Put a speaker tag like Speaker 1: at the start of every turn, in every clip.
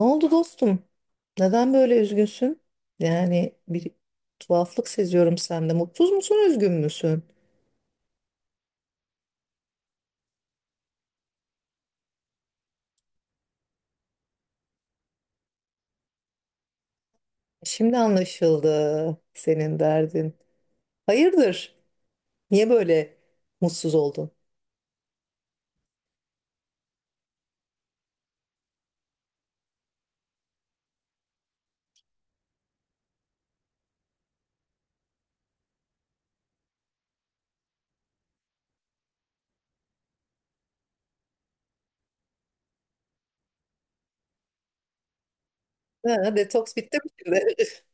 Speaker 1: Ne oldu dostum? Neden böyle üzgünsün? Yani bir tuhaflık seziyorum sende. Mutsuz musun, üzgün müsün? Şimdi anlaşıldı senin derdin. Hayırdır? Niye böyle mutsuz oldun? Ha, detoks bitti mi şimdi?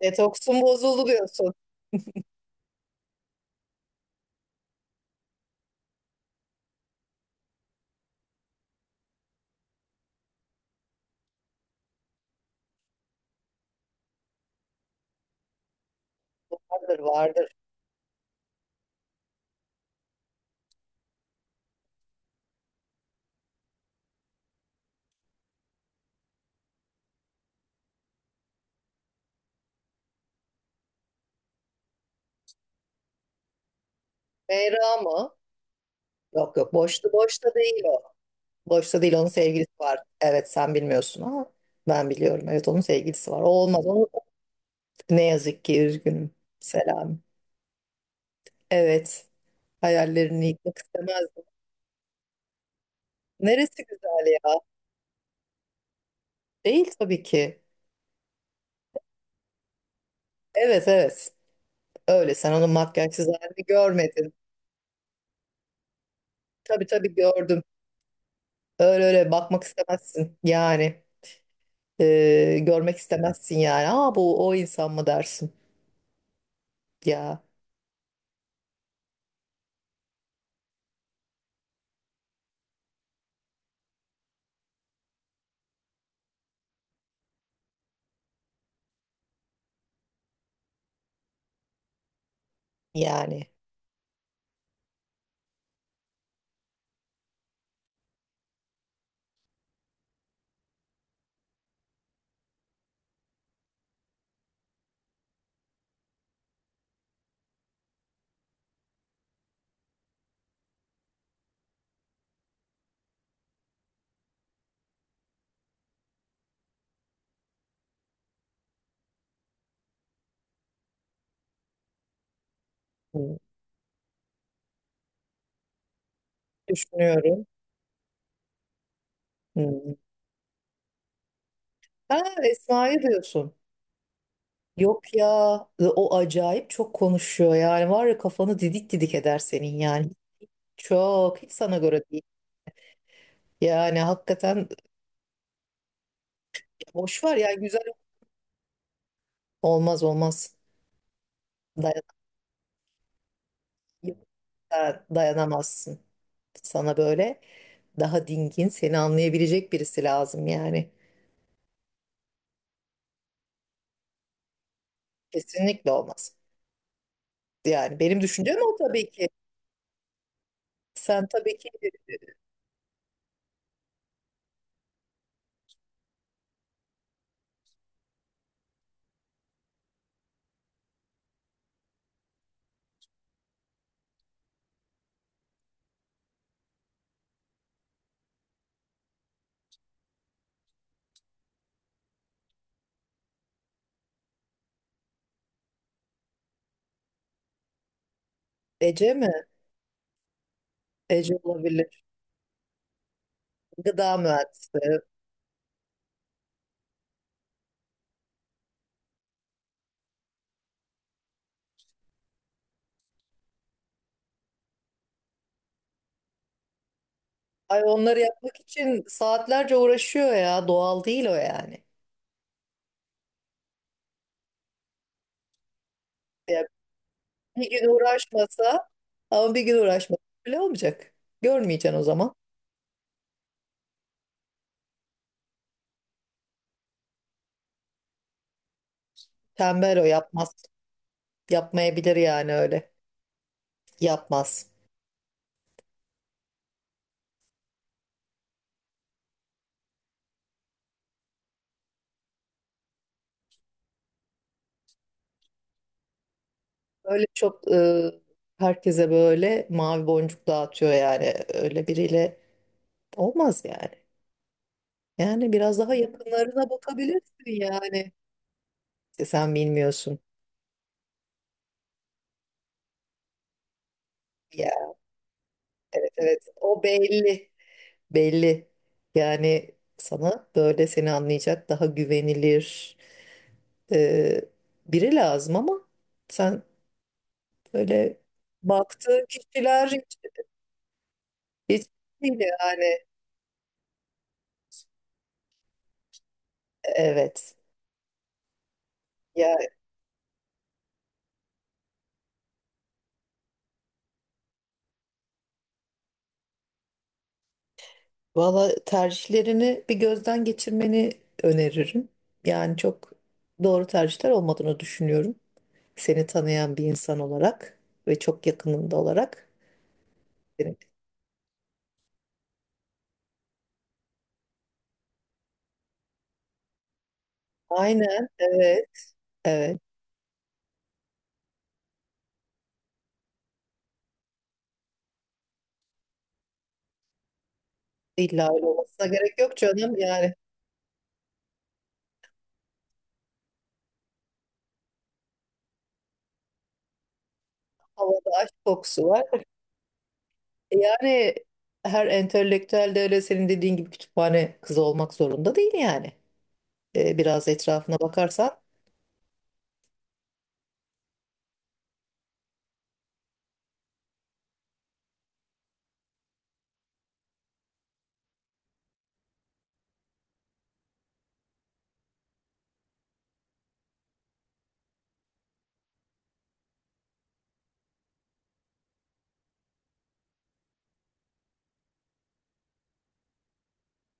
Speaker 1: Detoksun bozuldu diyorsun. Vardır, vardır. Meyra mı? Yok yok, boşta boşta değil o. Boşta değil, onun sevgilisi var. Evet, sen bilmiyorsun ama ben biliyorum. Evet, onun sevgilisi var. O olmaz. Onu... Ne yazık ki üzgünüm. Selam. Evet. Hayallerini yıkmak istemezdim. Neresi güzel ya? Değil tabii ki. Evet evet. Öyle sen onun makyajsız halini görmedin. Tabii tabii gördüm. Öyle öyle bakmak istemezsin. Yani görmek istemezsin yani. Aa bu o insan mı dersin? Ya yani hmm, düşünüyorum. Hmm. Ha Esma'yı diyorsun. Yok ya, o acayip çok konuşuyor yani, var ya, kafanı didik didik eder senin yani. Çok hiç sana göre değil. Yani hakikaten boş, var ya güzel, olmaz olmaz. Dayan- Dayanamazsın. Sana böyle daha dingin, seni anlayabilecek birisi lazım yani. Kesinlikle olmaz. Yani benim düşüncem o tabii ki. Sen tabii ki. Ece mi? Ece olabilir. Gıda mühendisi. Ay, onları yapmak için saatlerce uğraşıyor ya. Doğal değil o yani. Ya bir gün uğraşmasa, ama bir gün uğraşmasa bile olmayacak. Görmeyeceksin o zaman. Tembel, o yapmaz. Yapmayabilir yani öyle. Yapmaz. Öyle çok herkese böyle mavi boncuk dağıtıyor yani. Öyle biriyle olmaz yani. Yani biraz daha yakınlarına bakabilirsin yani. İşte sen bilmiyorsun. Ya evet evet, o belli. Belli. Yani sana böyle, seni anlayacak daha güvenilir e, biri lazım, ama sen böyle baktığın kişiler hiç değil yani. Evet. Valla tercihlerini bir gözden geçirmeni öneririm. Yani çok doğru tercihler olmadığını düşünüyorum. Seni tanıyan bir insan olarak ve çok yakınında olarak. Evet. Aynen, evet, evet. İlla öyle olmasına gerek yok canım. Yani havada aşk kokusu var. Yani her entelektüel de öyle senin dediğin gibi kütüphane kızı olmak zorunda değil yani. Biraz etrafına bakarsan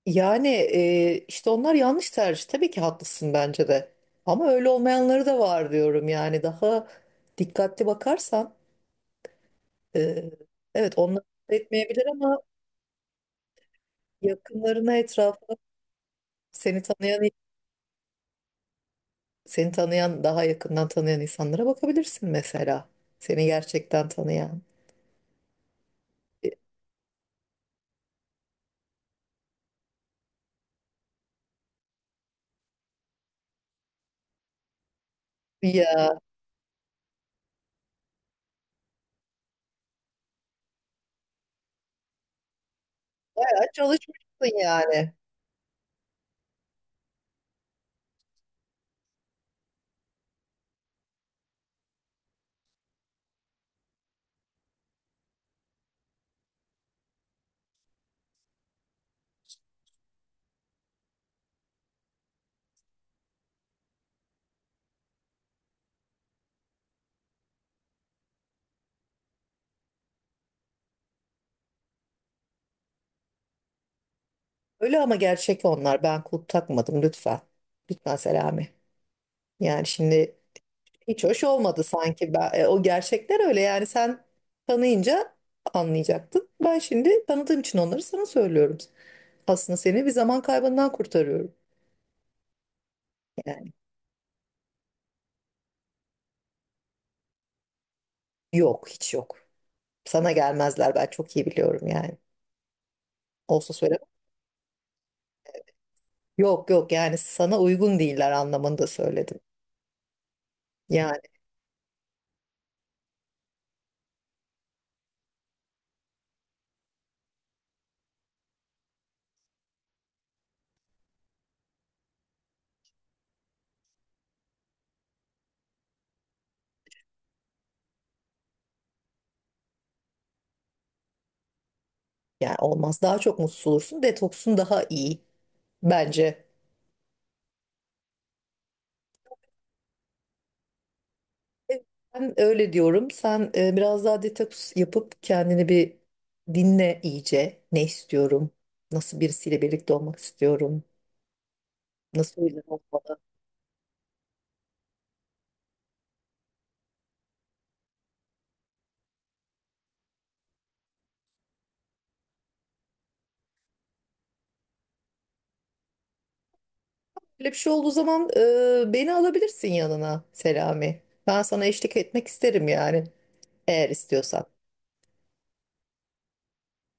Speaker 1: yani, işte onlar yanlış tercih. Tabii ki haklısın bence de. Ama öyle olmayanları da var diyorum yani. Daha dikkatli bakarsan e, evet, onlar etmeyebilir ama yakınlarına, etrafına, seni tanıyan. Seni tanıyan, daha yakından tanıyan insanlara bakabilirsin mesela. Seni gerçekten tanıyan. E, Ya bayağı çalışmışsın yani. Öyle ama gerçek onlar. Ben kulp takmadım lütfen. Lütfen Selami. Yani şimdi hiç hoş olmadı sanki. Ben, o gerçekler öyle yani, sen tanıyınca anlayacaktın. Ben şimdi tanıdığım için onları sana söylüyorum. Aslında seni bir zaman kaybından kurtarıyorum. Yani yok, hiç yok. Sana gelmezler, ben çok iyi biliyorum yani. Olsa. Yok yok, yani sana uygun değiller anlamında söyledim. Yani. Yani olmaz. Daha çok mutsuz olursun. Detoksun daha iyi bence. E, Ben öyle diyorum. Sen biraz daha detoks yapıp kendini bir dinle iyice. Ne istiyorum? Nasıl birisiyle birlikte olmak istiyorum? Nasıl bir insan olmalı? Böyle bir şey olduğu zaman beni alabilirsin yanına Selami. Ben sana eşlik etmek isterim yani, eğer istiyorsan.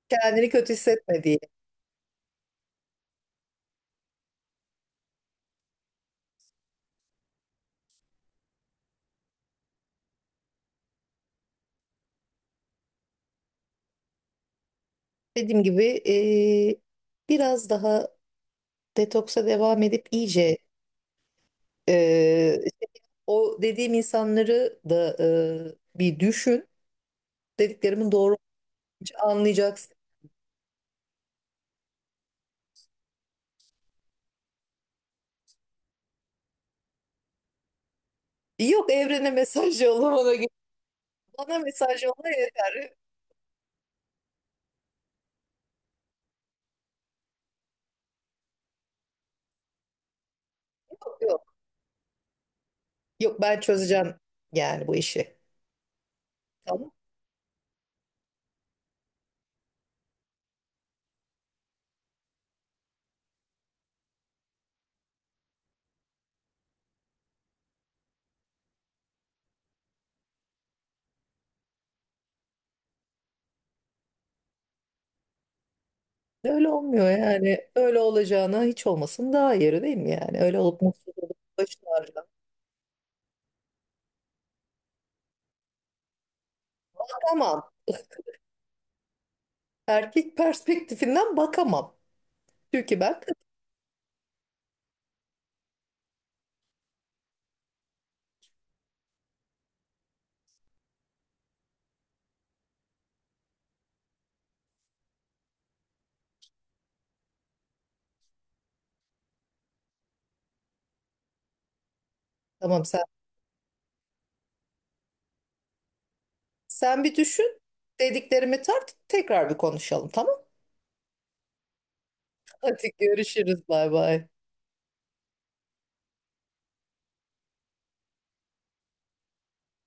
Speaker 1: Kendini kötü hissetme diye. Dediğim gibi biraz daha detoksa devam edip iyice eee, o dediğim insanları da bir düşün. Dediklerimin doğru olduğunu anlayacaksın. Yok, evrene mesaj yolla bana. Bana mesaj yolla yeter. Yok, yok. Yok, ben çözeceğim yani bu işi. Tamam. Öyle olmuyor yani. Öyle olacağına hiç olmasın daha iyi değil mi yani? Öyle olup mutsuz olup başını ağrıdan. Bakamam. Erkek perspektifinden bakamam. Çünkü ben kadın. Tamam, Sen bir düşün. Dediklerimi tart, tekrar bir konuşalım, tamam? Hadi görüşürüz, bay bay.